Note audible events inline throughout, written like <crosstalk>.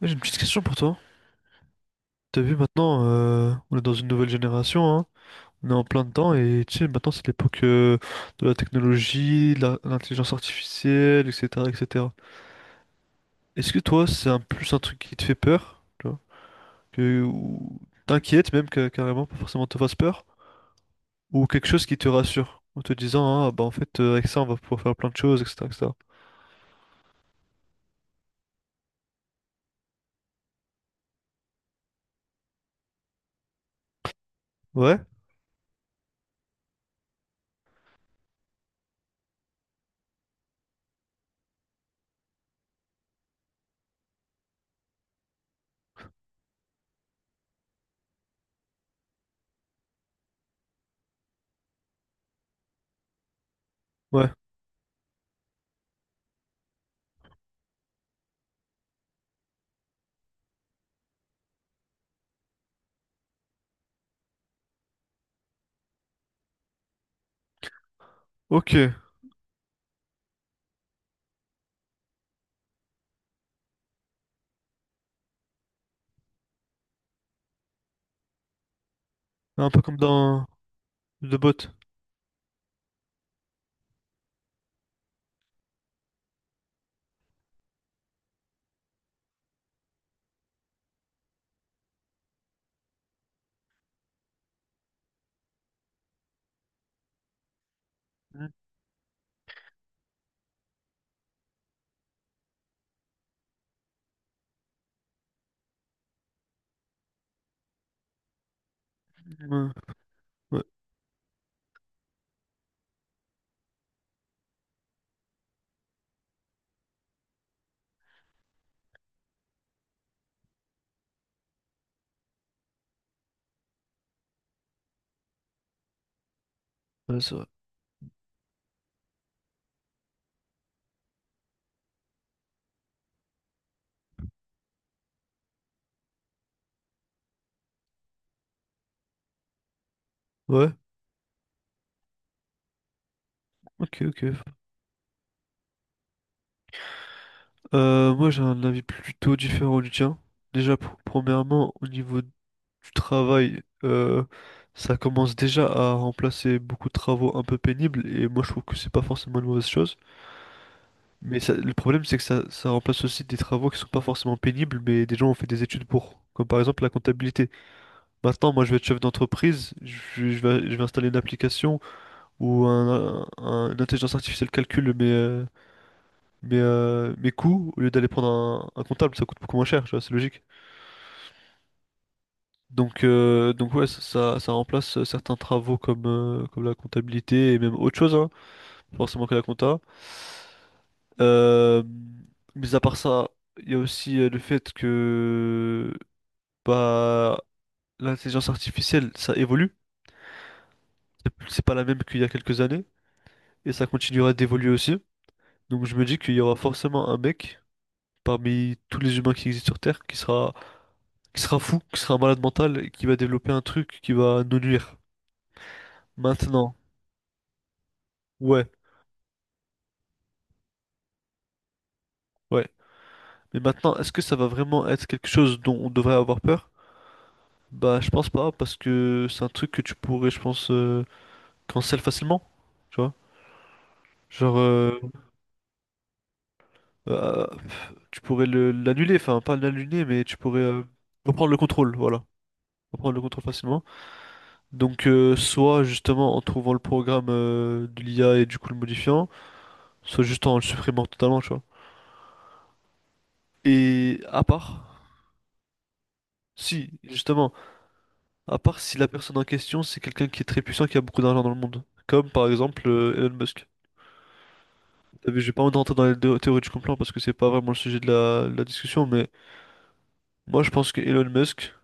Moi, j'ai une petite question pour toi. T'as vu maintenant, on est dans une nouvelle génération, hein, on est en plein dedans et tu sais, maintenant c'est l'époque de la technologie, l'intelligence artificielle, etc., etc. Est-ce que toi, c'est un truc qui te fait peur, tu vois, que, ou t'inquiète carrément, pas forcément te fasse peur, ou quelque chose qui te rassure, en te disant, ah bah en fait, avec ça, on va pouvoir faire plein de choses, etc., etc. Ouais? Ouais. Ok. Un peu comme dans The Bot. Mhm. Ouais, ouais, ouais, c'est vrai. Ouais. Ok, ok. Moi, j'ai un avis plutôt différent du tien. Déjà, premièrement, au niveau du travail, ça commence déjà à remplacer beaucoup de travaux un peu pénibles, et moi, je trouve que c'est pas forcément une mauvaise chose. Mais le problème, c'est que ça remplace aussi des travaux qui sont pas forcément pénibles, mais des gens ont fait des études pour, comme par exemple la comptabilité. Maintenant, moi, je vais être chef d'entreprise, je vais installer une application où une intelligence artificielle calcule mes, mes coûts, au lieu d'aller prendre un comptable, ça coûte beaucoup moins cher, tu vois, c'est logique. Donc, ouais, ça remplace certains travaux comme, comme la comptabilité et même autre chose, hein, forcément que la compta. Euh, mais à part ça, il y a aussi le fait que bah, l'intelligence artificielle, ça évolue. C'est pas la même qu'il y a quelques années et ça continuera d'évoluer aussi. Donc je me dis qu'il y aura forcément un mec parmi tous les humains qui existent sur Terre qui sera fou, qui sera un malade mental et qui va développer un truc qui va nous nuire. Maintenant, ouais, ouais. Mais maintenant, est-ce que ça va vraiment être quelque chose dont on devrait avoir peur? Bah, je pense pas, parce que c'est un truc que tu pourrais, je pense, cancel facilement. Tu vois? Genre, tu pourrais l'annuler, enfin, pas l'annuler, mais tu pourrais reprendre le contrôle, voilà. Reprendre le contrôle facilement. Donc, soit justement en trouvant le programme de l'IA et du coup le modifiant, soit juste en le supprimant totalement, tu vois. Et à part, si, justement, à part si la personne en question, c'est quelqu'un qui est très puissant, qui a beaucoup d'argent dans le monde. Comme par exemple Elon Musk. T'as vu, j'ai pas envie de rentrer dans les théories du complot parce que c'est pas vraiment le sujet de la discussion, mais moi je pense que Elon Musk,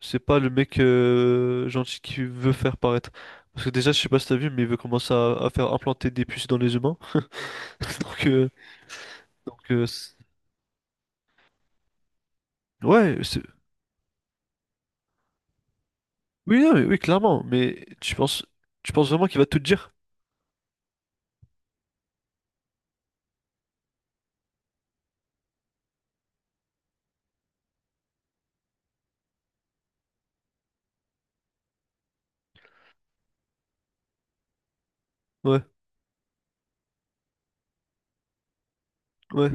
c'est pas le mec gentil qui veut faire paraître. Parce que déjà, je sais pas si t'as vu, mais il veut commencer à faire implanter des puces dans les humains. <laughs> Donc, donc euh, c'est- ouais, oui, non, mais oui, clairement, mais tu penses vraiment qu'il va tout te dire? Ouais, ouais.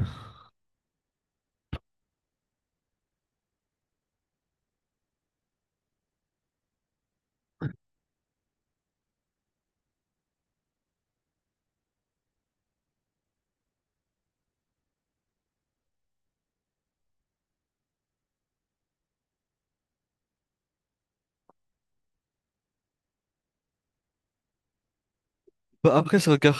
Bah après, c'est un gars.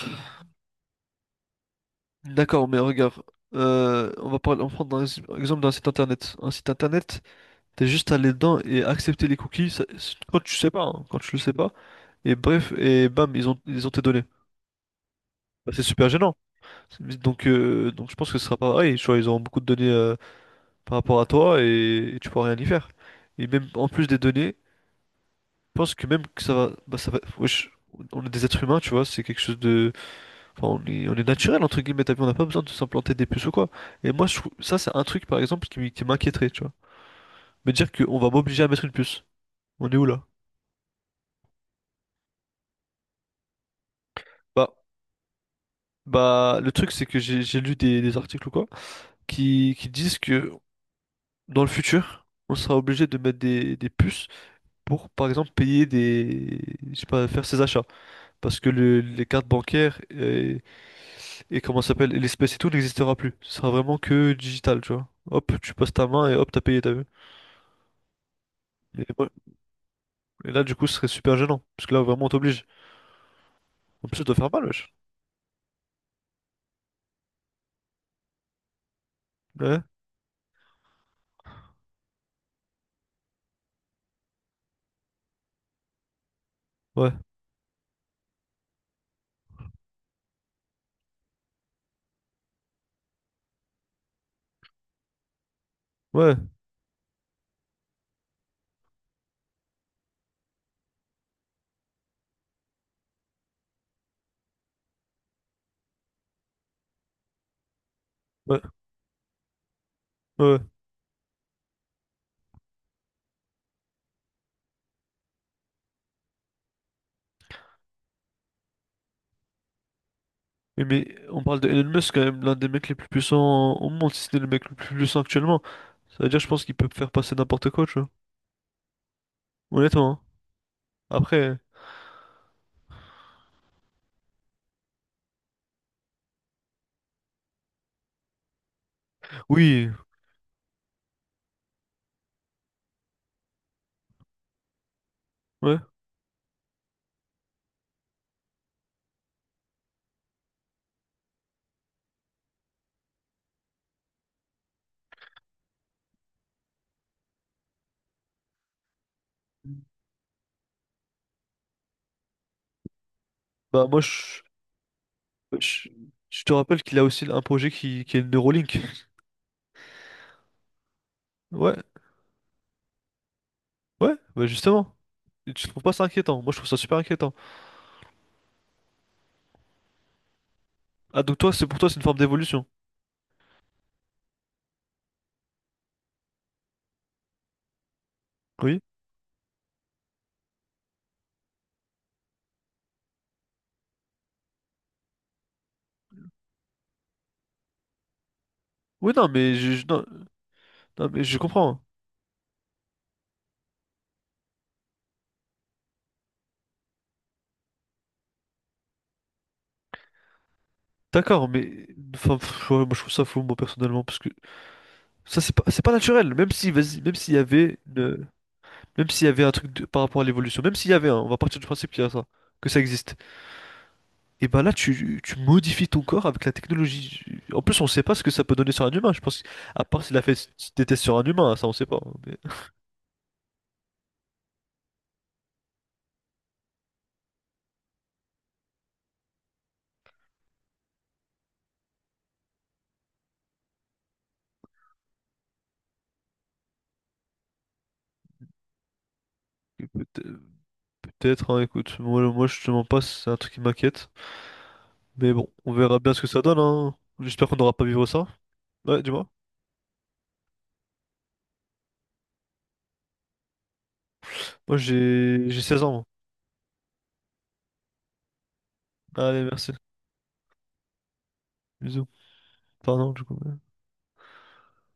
D'accord, mais regarde, on va parler, on va prendre un exemple d'un site internet. Un site internet, t'es juste allé dedans et accepter les cookies quand tu sais pas, hein, quand tu le sais pas. Et bref, et bam, ils ont tes données. Bah, c'est super gênant. Donc je pense que ce sera pas pareil. Tu vois, ils auront beaucoup de données par rapport à toi et tu pourras rien y faire. Et même en plus des données, je pense que même que ça va, bah, ça va, wesh, on est des êtres humains, tu vois, c'est quelque chose. Enfin, on est naturel, entre guillemets, t'as vu, on n'a pas besoin de s'implanter des puces ou quoi. Et moi, je trouve, ça, c'est un truc, par exemple, qui m'inquiéterait, tu vois. Me dire qu'on va m'obliger à mettre une puce. On est où là? Bah, bah, le truc, c'est que j'ai lu des articles ou quoi, qui disent que dans le futur, on sera obligé de mettre des puces pour, par exemple, payer des, je sais pas, faire ses achats. Parce que les cartes bancaires et comment ça s'appelle, et l'espèce et tout n'existera plus. Ce sera vraiment que digital, tu vois. Hop, tu passes ta main et hop, t'as payé, t'as vu. Et moi- Et là, du coup, ce serait super gênant. Parce que là, vraiment, on t'oblige. En plus, ça doit faire mal, wesh. Ouais, ouais, ouais, ouais, ouais. Oui, mais on parle de Elon Musk, quand même, l'un des mecs les plus puissants au monde, si c'est le mec le plus puissant actuellement. Ça veut dire, je pense qu'il peut faire passer n'importe quoi, tu vois. Honnêtement, hein. Après, oui, ouais. Bah, je, je te rappelle qu'il a aussi un projet qui est le Neuralink. Ouais, ouais, bah, justement. Et tu trouves pas ça inquiétant? Moi, je trouve ça super inquiétant. Ah, donc toi, c'est une forme d'évolution. Oui? Oui, non, non, mais je comprends. D'accord, mais enfin, pff, ouais, moi je trouve ça fou moi personnellement parce que ça c'est pas naturel. Même si vas-y, même s'il y avait un par rapport à l'évolution, même s'il y avait un, on va partir du principe qu'il y a ça, que ça existe. Et ben là tu modifies ton corps avec la technologie. En plus on sait pas ce que ça peut donner sur un humain. Je pense à part s'il a fait des tests sur un humain, ça on sait pas, hein, mais... <laughs> peut- Peut-être, hein, écoute, moi je te mens pas, c'est un truc qui m'inquiète. Mais bon, on verra bien ce que ça donne, hein. J'espère qu'on n'aura pas à vivre ça. Ouais, dis-moi. Moi j'ai 16 ans. Allez, merci. Bisous. Pardon, du coup.